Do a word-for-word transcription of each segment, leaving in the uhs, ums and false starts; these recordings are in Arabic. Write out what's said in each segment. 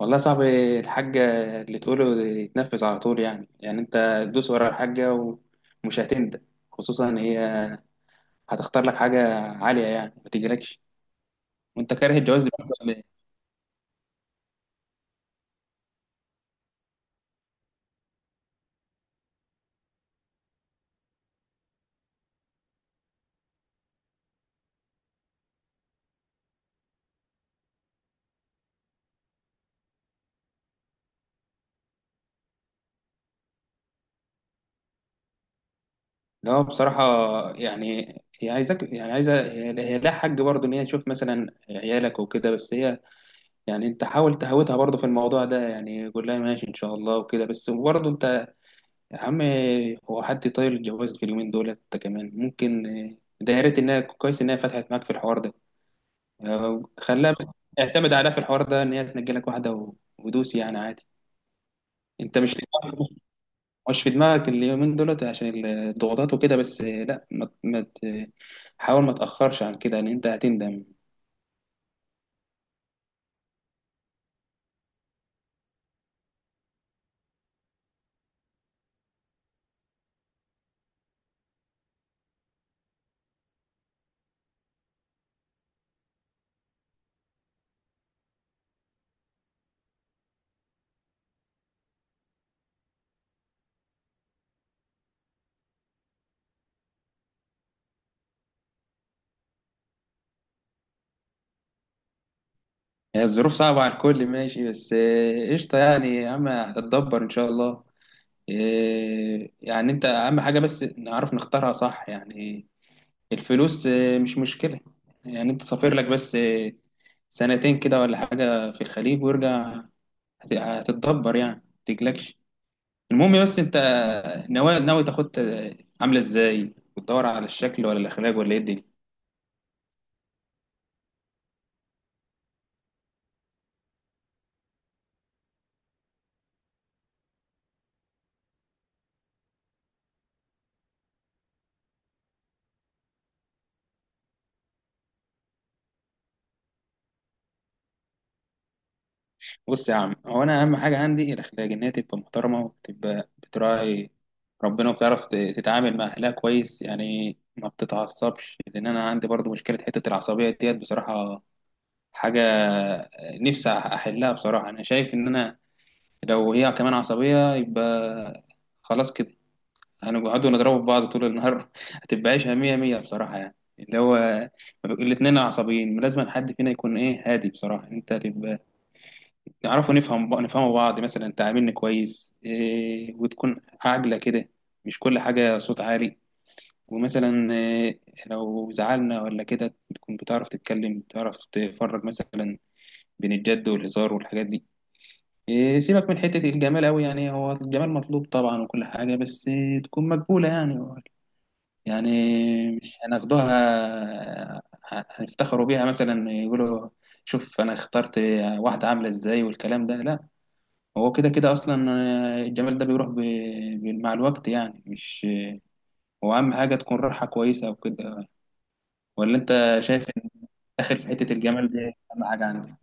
والله يا صاحبي، الحاجة اللي تقوله يتنفذ على طول. يعني يعني انت دوس ورا الحاجة ومش هتندم، خصوصا ان هي هتختار لك حاجة عالية يعني ما تجيلكش. وانت كاره الجواز دلوقتي ولا ايه؟ لا، هو بصراحة يعني هي عايزك، يعني عايزة. هي هي لها حق برضه ان هي تشوف مثلا عيالك وكده، بس هي يعني انت حاول تهوتها برضه في الموضوع ده، يعني قول لها ماشي ان شاء الله وكده، بس برضه انت يا عم، هو حد طايل الجواز في اليومين دولت؟ انت كمان ممكن. ده يا ريت انها كويس انها فتحت معاك في الحوار ده. آه، خلاها بس اعتمد عليها في الحوار ده، ان هي تنجي لك واحده و- ودوس يعني عادي. انت مش، مش في دماغك اليومين دولت عشان الضغوطات وكده، بس آه، لا، ما ت- ما ت- حاول ما تاخرش عن كده لان انت هتندم. هي الظروف صعبه على الكل، ماشي، بس آه، قشطه يعني. يا عم هتتدبر ان شاء الله. آه، يعني انت اهم حاجه بس نعرف نختارها صح يعني. الفلوس آه، مش مشكله. يعني انت سافر لك بس آه، سنتين كده ولا حاجه في الخليج وارجع. هت- هتتدبر يعني ما تقلقش. المهم بس انت ناوي، ناوي تاخد عامله ازاي، وتدور على الشكل ولا الاخلاق ولا ايه الدنيا. بص يا عم، هو انا اهم حاجه عندي الاخلاق، ان هي تبقى محترمه وتبقى بتراعي ربنا، وبتعرف ت- تتعامل مع اهلها كويس، يعني ما بتتعصبش، لان انا عندي برضو مشكله حته العصبيه ديت بصراحه. حاجه نفسي احلها بصراحه. انا شايف ان انا لو هي كمان عصبيه يبقى خلاص كده، هنقعدوا نضربوا في بعض طول النهار. هتبقى عيشة مية مية بصراحة يعني. اللي هو الاتنين عصبيين، لازم حد فينا يكون ايه، هادي بصراحة. انت تبقى نعرفوا نفهم بق- نفهموا بعض، مثلا انت عاملني كويس إيه، وتكون عاجلة كده، مش كل حاجة صوت عالي. ومثلا إيه، لو زعلنا ولا كده تكون بتعرف تتكلم، بتعرف تفرج مثلا بين الجد والهزار والحاجات دي. إيه، سيبك من حتة الجمال أوي، يعني هو الجمال مطلوب طبعا وكل حاجة، بس إيه تكون مقبولة يعني. يعني مش هناخدوها هنفتخروا بيها، مثلا يقولوا شوف انا اخترت واحدة عاملة ازاي والكلام ده، لا. هو كده كده اصلا الجمال ده بيروح ب- ب- مع الوقت، يعني مش هو اهم حاجة تكون راحة كويسة وكده. ولا انت شايف ان داخل في حتة الجمال دي اهم حاجة عندك؟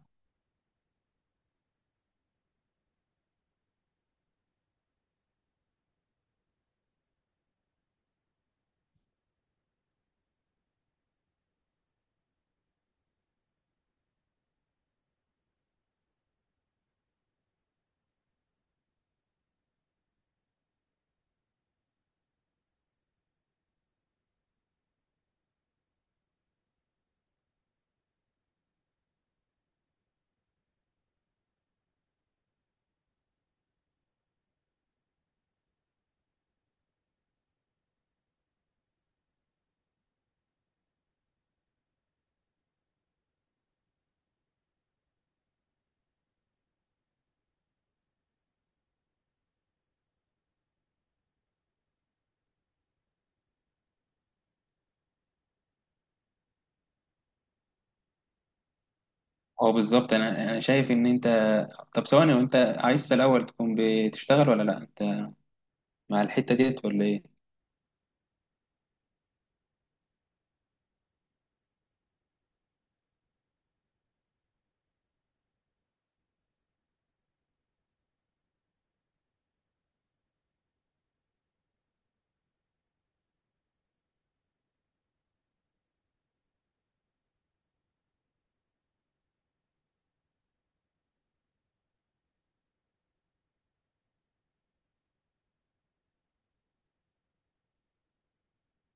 هو بالظبط، انا انا شايف ان انت، طب ثواني، وانت عايز الاول تكون بتشتغل ولا لا؟ انت مع الحتة ديت ولا ايه؟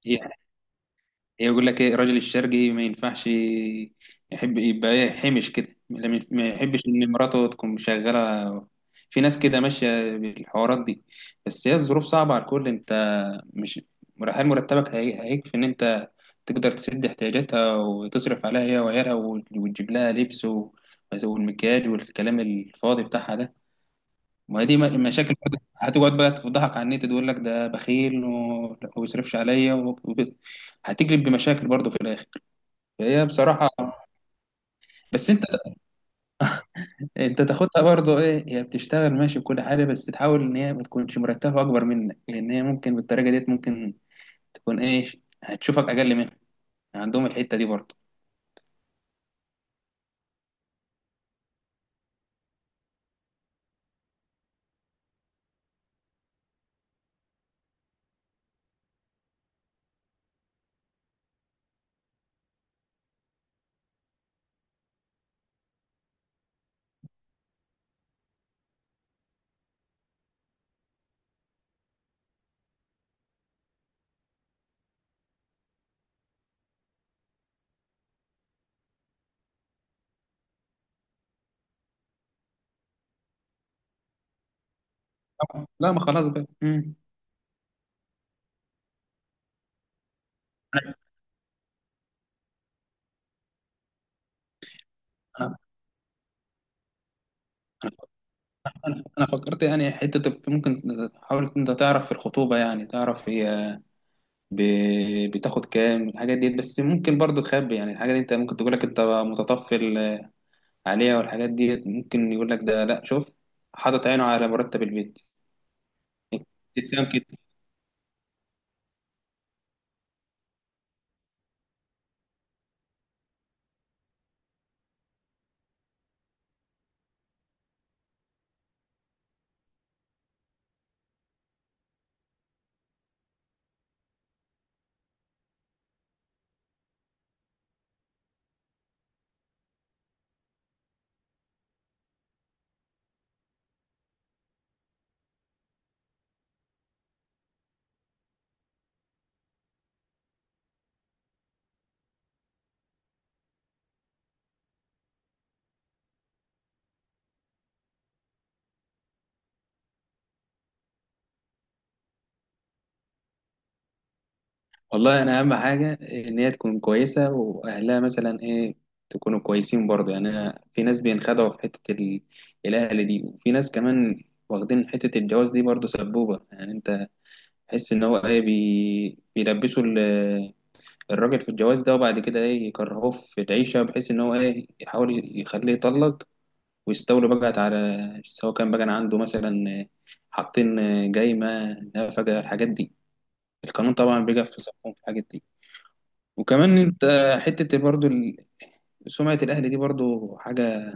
هي يقول لك ايه، الراجل الشرقي ما ينفعش يحب يبقى ايه، حمش كده، لا من- ما يحبش ان مراته تكون مشغله. في ناس كده ماشيه بالحوارات دي، بس هي الظروف صعبه على الكل. انت مش، هل مرتبك هي- هيكفي ان انت تقدر تسد احتياجاتها وتصرف عليها هي وعيالها، و- وتجيب لها لبس و- والمكياج والكلام الفاضي بتاعها ده؟ ما هي دي م- مشاكل برضه. هتقعد بقى تفضحك على النت، تقول لك ده بخيل وما بيصرفش عليا وب- هتجلب بمشاكل برضه في الاخر. هي بصراحة، بس انت انت تاخدها برضه ايه، هي بتشتغل ماشي بكل حاجة، بس تحاول ان هي ما تكونش مرتبة اكبر منك، لان هي ممكن بالطريقة ديت ممكن تكون ايه، هتشوفك اقل منها. عندهم الحتة دي برضه. لا، ما خلاص بقى. مم. انا انا- انا فكرت يعني حتة ممكن، حاول انت تعرف في الخطوبة يعني تعرف هي ب- بتاخد كام الحاجات ديت، بس ممكن برضه تخبي يعني الحاجات دي. انت ممكن تقول لك انت متطفل عليها والحاجات ديت، ممكن يقول لك ده لا، شوف حاطط عينه على مرتب البيت، تتفهم كده. والله انا اهم حاجه ان هي تكون كويسه، واهلها مثلا ايه، تكونوا كويسين برضه. يعني انا في ناس بينخدعوا في حته ال- الاهل دي، وفي ناس كمان واخدين حته الجواز دي برضه سبوبه، يعني انت تحس ان هو ايه بي... بيلبسوا ال- الراجل في الجواز ده، وبعد كده ايه يكرهوه في العيشه، بحيث ان هو ايه يحاول يخليه يطلق، ويستولوا بقى على سواء كان بقى عنده مثلا، حاطين جايمه نفقه الحاجات دي. القانون طبعا بيجي في صفهم في الحاجات دي. وكمان انت حته برضو ال- سمعه الاهلي دي برضو حاجه،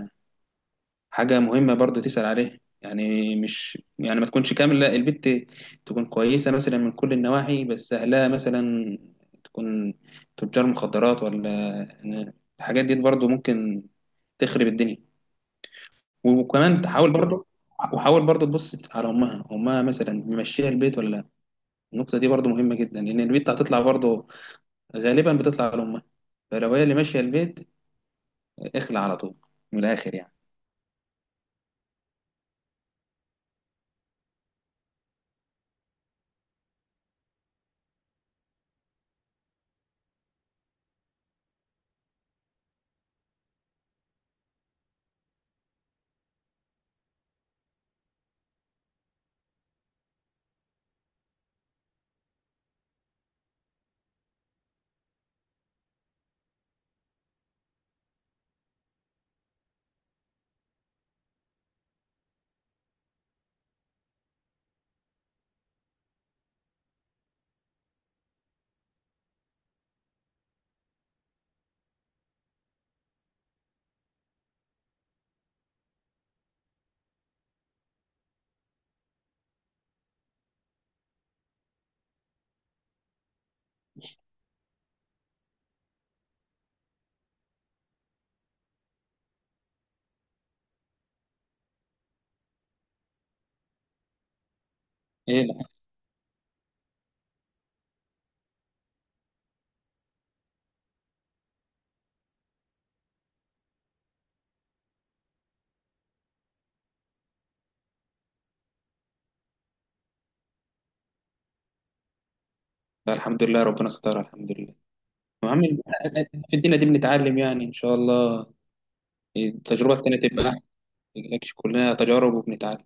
حاجه مهمه برضو تسال عليها، يعني مش يعني ما تكونش كامله البت، تكون كويسه مثلا من كل النواحي بس اهلها مثلا تكون تجار مخدرات، ولا الحاجات دي برضو ممكن تخرب الدنيا. وكمان تحاول برضو، وحاول برضو تبص على امها، امها مثلا ممشيها البيت ولا لا؟ النقطه دي برضو مهمه جدا، لان البيت هتطلع برضو غالبا بتطلع لأمها. فلو هي اللي ماشية البيت، اخلع على طول من الآخر يعني. ايه، لا. فالحمد لله ربنا سترها، الحمد لله. المهم في الدنيا دي بنتعلم يعني، إن شاء الله التجربة التانية تبقى أحسن. ما تقلقش، كلنا تجارب وبنتعلم.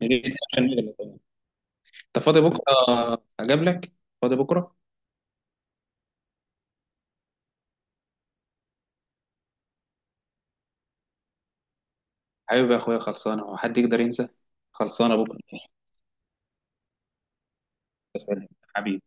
يا ريت عشان نغلط طبعاً. أنت فاضي بكرة أقابلك؟ فاضي بكرة؟ حبيبي يا أخويا، خلصانة. هو حد يقدر ينسى؟ خلصانة بكرة. سلام. حبيبي.